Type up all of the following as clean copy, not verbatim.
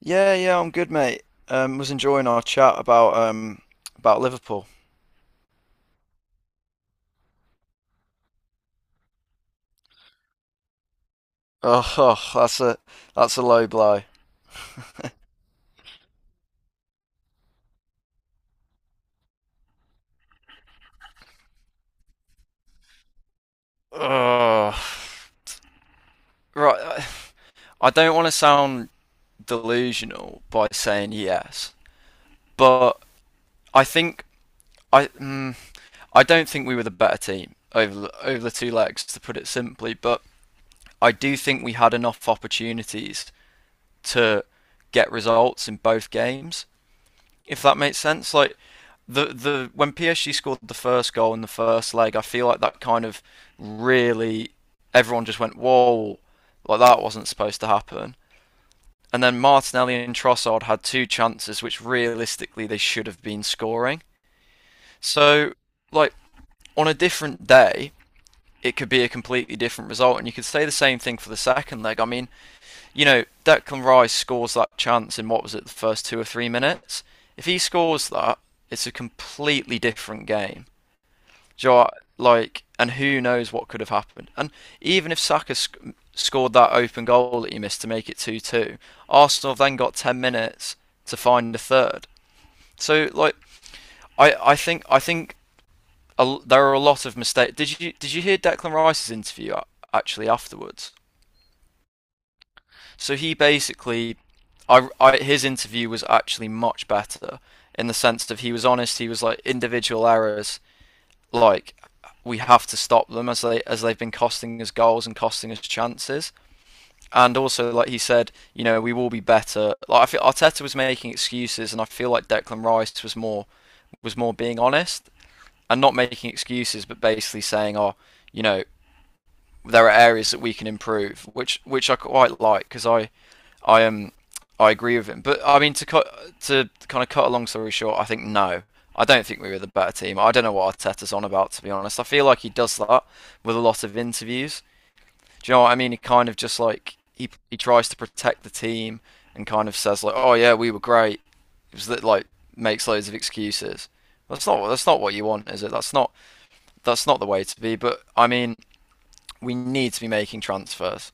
Yeah, yeah, I'm good, mate. Was enjoying our chat about Liverpool. Oh, that's a low blow. Oh, right. I don't want to sound delusional by saying yes, but I think I mm, I don't think we were the better team over the two legs, to put it simply. But I do think we had enough opportunities to get results in both games, if that makes sense. Like the when PSG scored the first goal in the first leg, I feel like that kind of really everyone just went whoa, like that wasn't supposed to happen. And then Martinelli and Trossard had two chances which realistically they should have been scoring. So, like, on a different day, it could be a completely different result. And you could say the same thing for the second leg. I mean, Declan Rice scores that chance in what was it, the first 2 or 3 minutes? If he scores that, it's a completely different game. Do you know what? Like, and who knows what could have happened? And even if scored that open goal that he missed to make it two-two, Arsenal have then got 10 minutes to find a third. So, like, I think there are a lot of mistakes. Did you hear Declan Rice's interview actually afterwards? So he basically, I his interview was actually much better in the sense that he was honest. He was like individual errors, like we have to stop them, as they've been costing us goals and costing us chances. And also, like he said, you know, we will be better. Like I feel Arteta was making excuses, and I feel like Declan Rice was more being honest and not making excuses, but basically saying, "Oh, you know, there are areas that we can improve," which I quite like because I am I agree with him. But I mean to cut to kind of cut a long story short, I think no, I don't think we were the better team. I don't know what Arteta's on about, to be honest. I feel like he does that with a lot of interviews. Do you know what I mean? He kind of just like he tries to protect the team and kind of says like, oh yeah, we were great. It was that like makes loads of excuses. That's not what you want, is it? That's not the way to be. But I mean, we need to be making transfers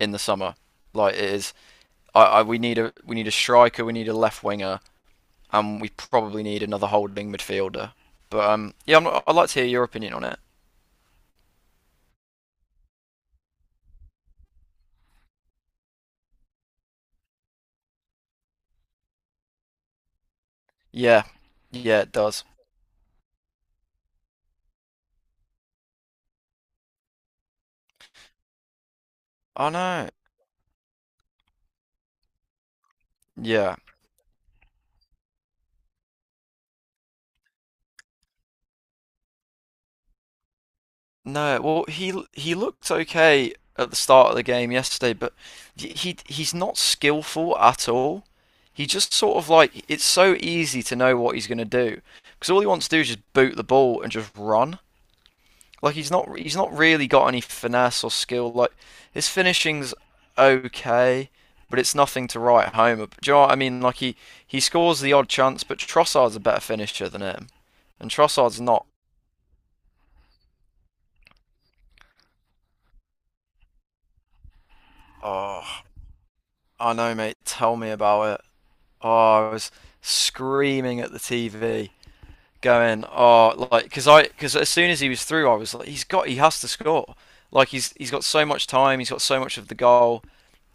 in the summer. Like it is, I we need a striker, we need a left winger, and we probably need another holding midfielder. But yeah, I'm not, I'd like to hear your opinion on it. Yeah, yeah, it does. I know. Yeah, no. Well, he looked okay at the start of the game yesterday, but he's not skillful at all. He just sort of like it's so easy to know what he's going to do because all he wants to do is just boot the ball and just run. Like he's not really got any finesse or skill. Like his finishing's okay, but it's nothing to write Do you know what I mean? Like he scores the odd chance, but Trossard's a better finisher than him, and Trossard's not. Oh, I know, mate. Tell me about it. Oh, I was screaming at the TV, going, oh, like because as soon as he was through, I was like, he has to score. Like he's got so much time, he's got so much of the goal,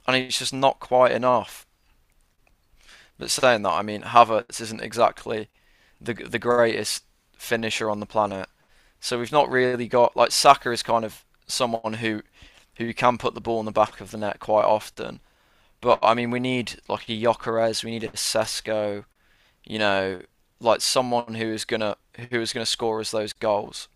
and it's just not quite enough. But saying that, I mean, Havertz isn't exactly the greatest finisher on the planet. So we've not really got like Saka is kind of someone who can put the ball in the back of the net quite often. But I mean, we need like a Jokeres, we need a Sesko, you know, like someone who is gonna score us those goals.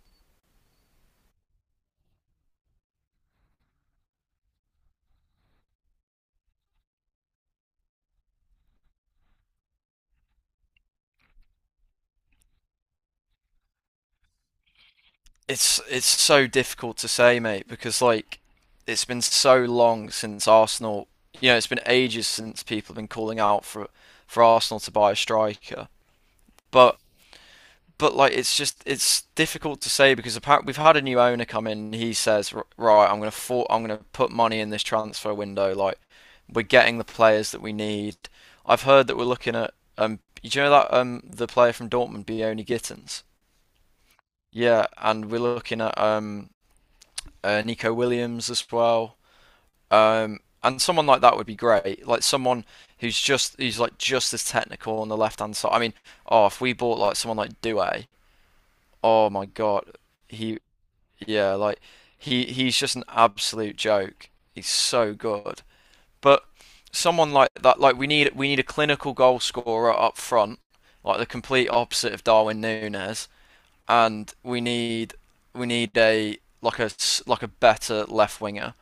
It's so difficult to say, mate, because like it's been so long since Arsenal. You know, it's been ages since people have been calling out for Arsenal to buy a striker. But like it's just it's difficult to say because apparently we've had a new owner come in. And he says, right, I'm gonna put money in this transfer window. Like we're getting the players that we need. I've heard that we're looking at do you know that the player from Dortmund, Bioni Gittens? Yeah, and we're looking at Nico Williams as well. And someone like that would be great. Like someone who's just who's like just as technical on the left hand side. I mean, oh, if we bought like someone like Douay, oh my god, he yeah, like he's just an absolute joke. He's so good. But someone like that, like we need a clinical goal scorer up front, like the complete opposite of Darwin Nunes, and we need a like a better left winger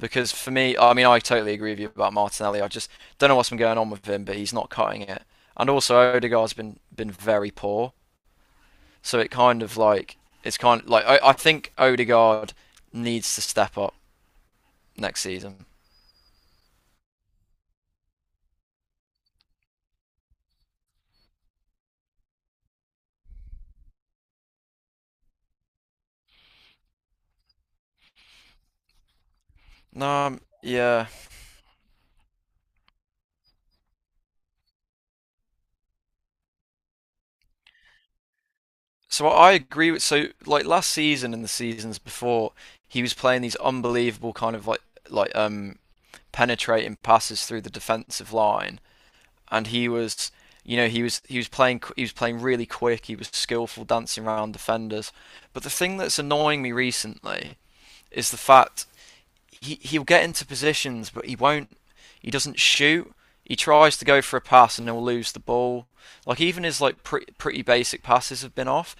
because for me, I mean, I totally agree with you about Martinelli. I just don't know what's been going on with him, but he's not cutting it. And also, Odegaard's been very poor, so it's kind of like I think Odegaard needs to step up next season. No, yeah. So I agree with so like last season and the seasons before, he was playing these unbelievable kind of like penetrating passes through the defensive line, and he was, you know, he was playing really quick. He was skillful dancing around defenders. But the thing that's annoying me recently is the fact he'll get into positions, but he won't. He doesn't shoot. He tries to go for a pass and he'll lose the ball. Like even his like pretty basic passes have been off,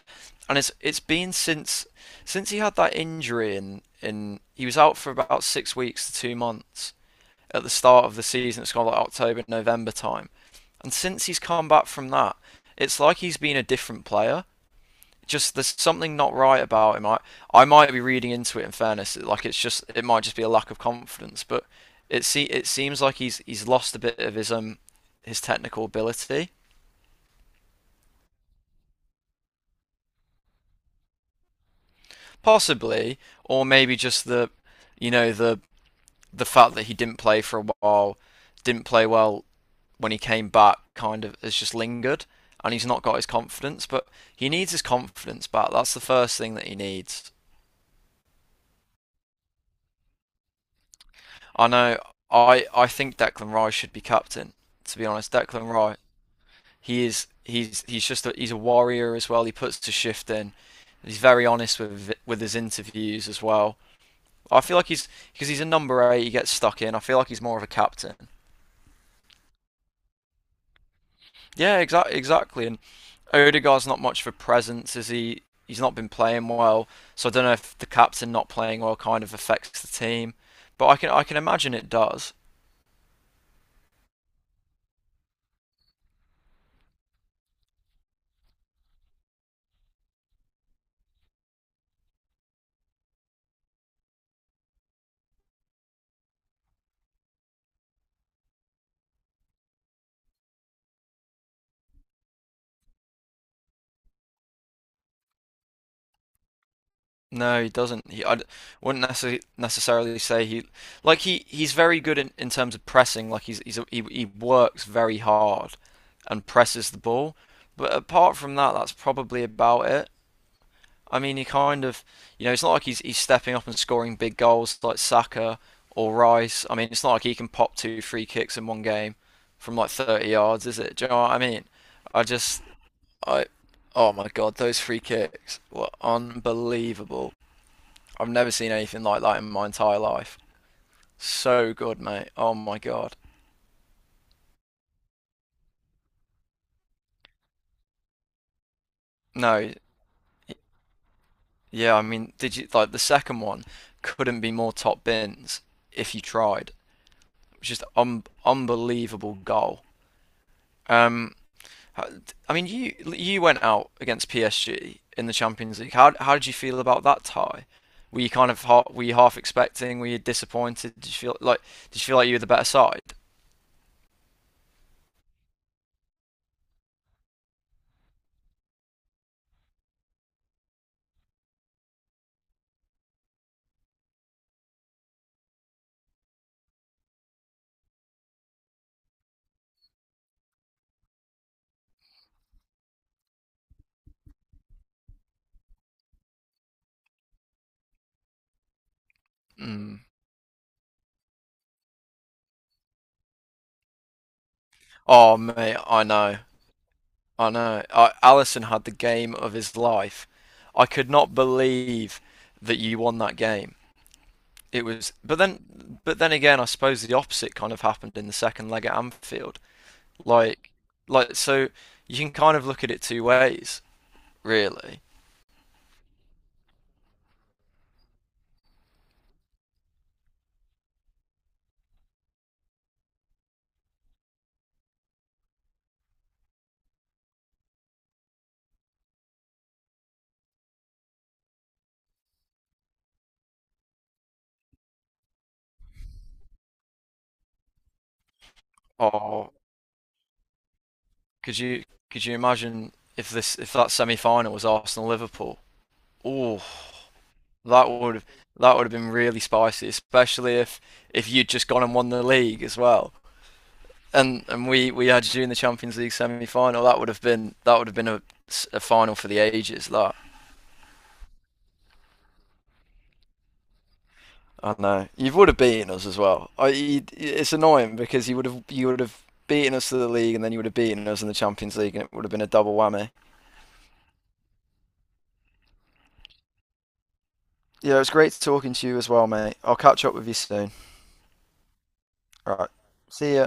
and it's been since he had that injury in he was out for about 6 weeks to 2 months at the start of the season. It's kind of like October, November time. And since he's come back from that, it's like he's been a different player. Just there's something not right about him. I might be reading into it. In fairness, like it's just it might just be a lack of confidence. But it seems like he's lost a bit of his technical ability, possibly, or maybe just the you know the fact that he didn't play for a while, didn't play well when he came back kind of has just lingered and he's not got his confidence. But he needs his confidence back. That's the first thing that he needs. I know. I think Declan Rice should be captain. To be honest, Declan Rice. He is. He's just he's a warrior as well. He puts the shift in. He's very honest with his interviews as well. I feel like he's because he's a number eight. He gets stuck in. I feel like he's more of a captain. Yeah, exactly, exactly. And Odegaard's not much for presence, is he? He's not been playing well, so I don't know if the captain not playing well kind of affects the team. But I can imagine it does. No, he doesn't. Wouldn't necessarily say he's very good in terms of pressing. Like he works very hard and presses the ball. But apart from that, that's probably about it. I mean, he kind of, you know, it's not like he's stepping up and scoring big goals like Saka or Rice. I mean, it's not like he can pop two free kicks in one game from like 30 yards, is it? Do you know what I mean? I just, I, oh my God, those free kicks were unbelievable. I've never seen anything like that in my entire life. So good, mate. Oh my God. No, yeah, I mean, did you like the second one? Couldn't be more top bins if you tried. It was just un unbelievable goal. Um, I mean, you went out against PSG in the Champions League. How did you feel about that tie? Were you kind of were you half expecting? Were you disappointed? Did you feel like you were the better side? Mm. Oh mate, I know, I know. Allison had the game of his life. I could not believe that you won that game. It was, but then, again, I suppose the opposite kind of happened in the second leg at Anfield. Like, like so, you can kind of look at it two ways. Really. Or could you could you imagine if this if that semi final was Arsenal Liverpool? Oh, that would have that would have been really spicy, especially if you'd just gone and won the league as well. And we had you in the Champions League semi final. That would have been a final for the ages. That I know you would have beaten us as well. It's annoying because you would have beaten us to the league and then you would have beaten us in the Champions League and it would have been a double whammy. Yeah, it was great talking to you as well, mate. I'll catch up with you soon. All right. See ya.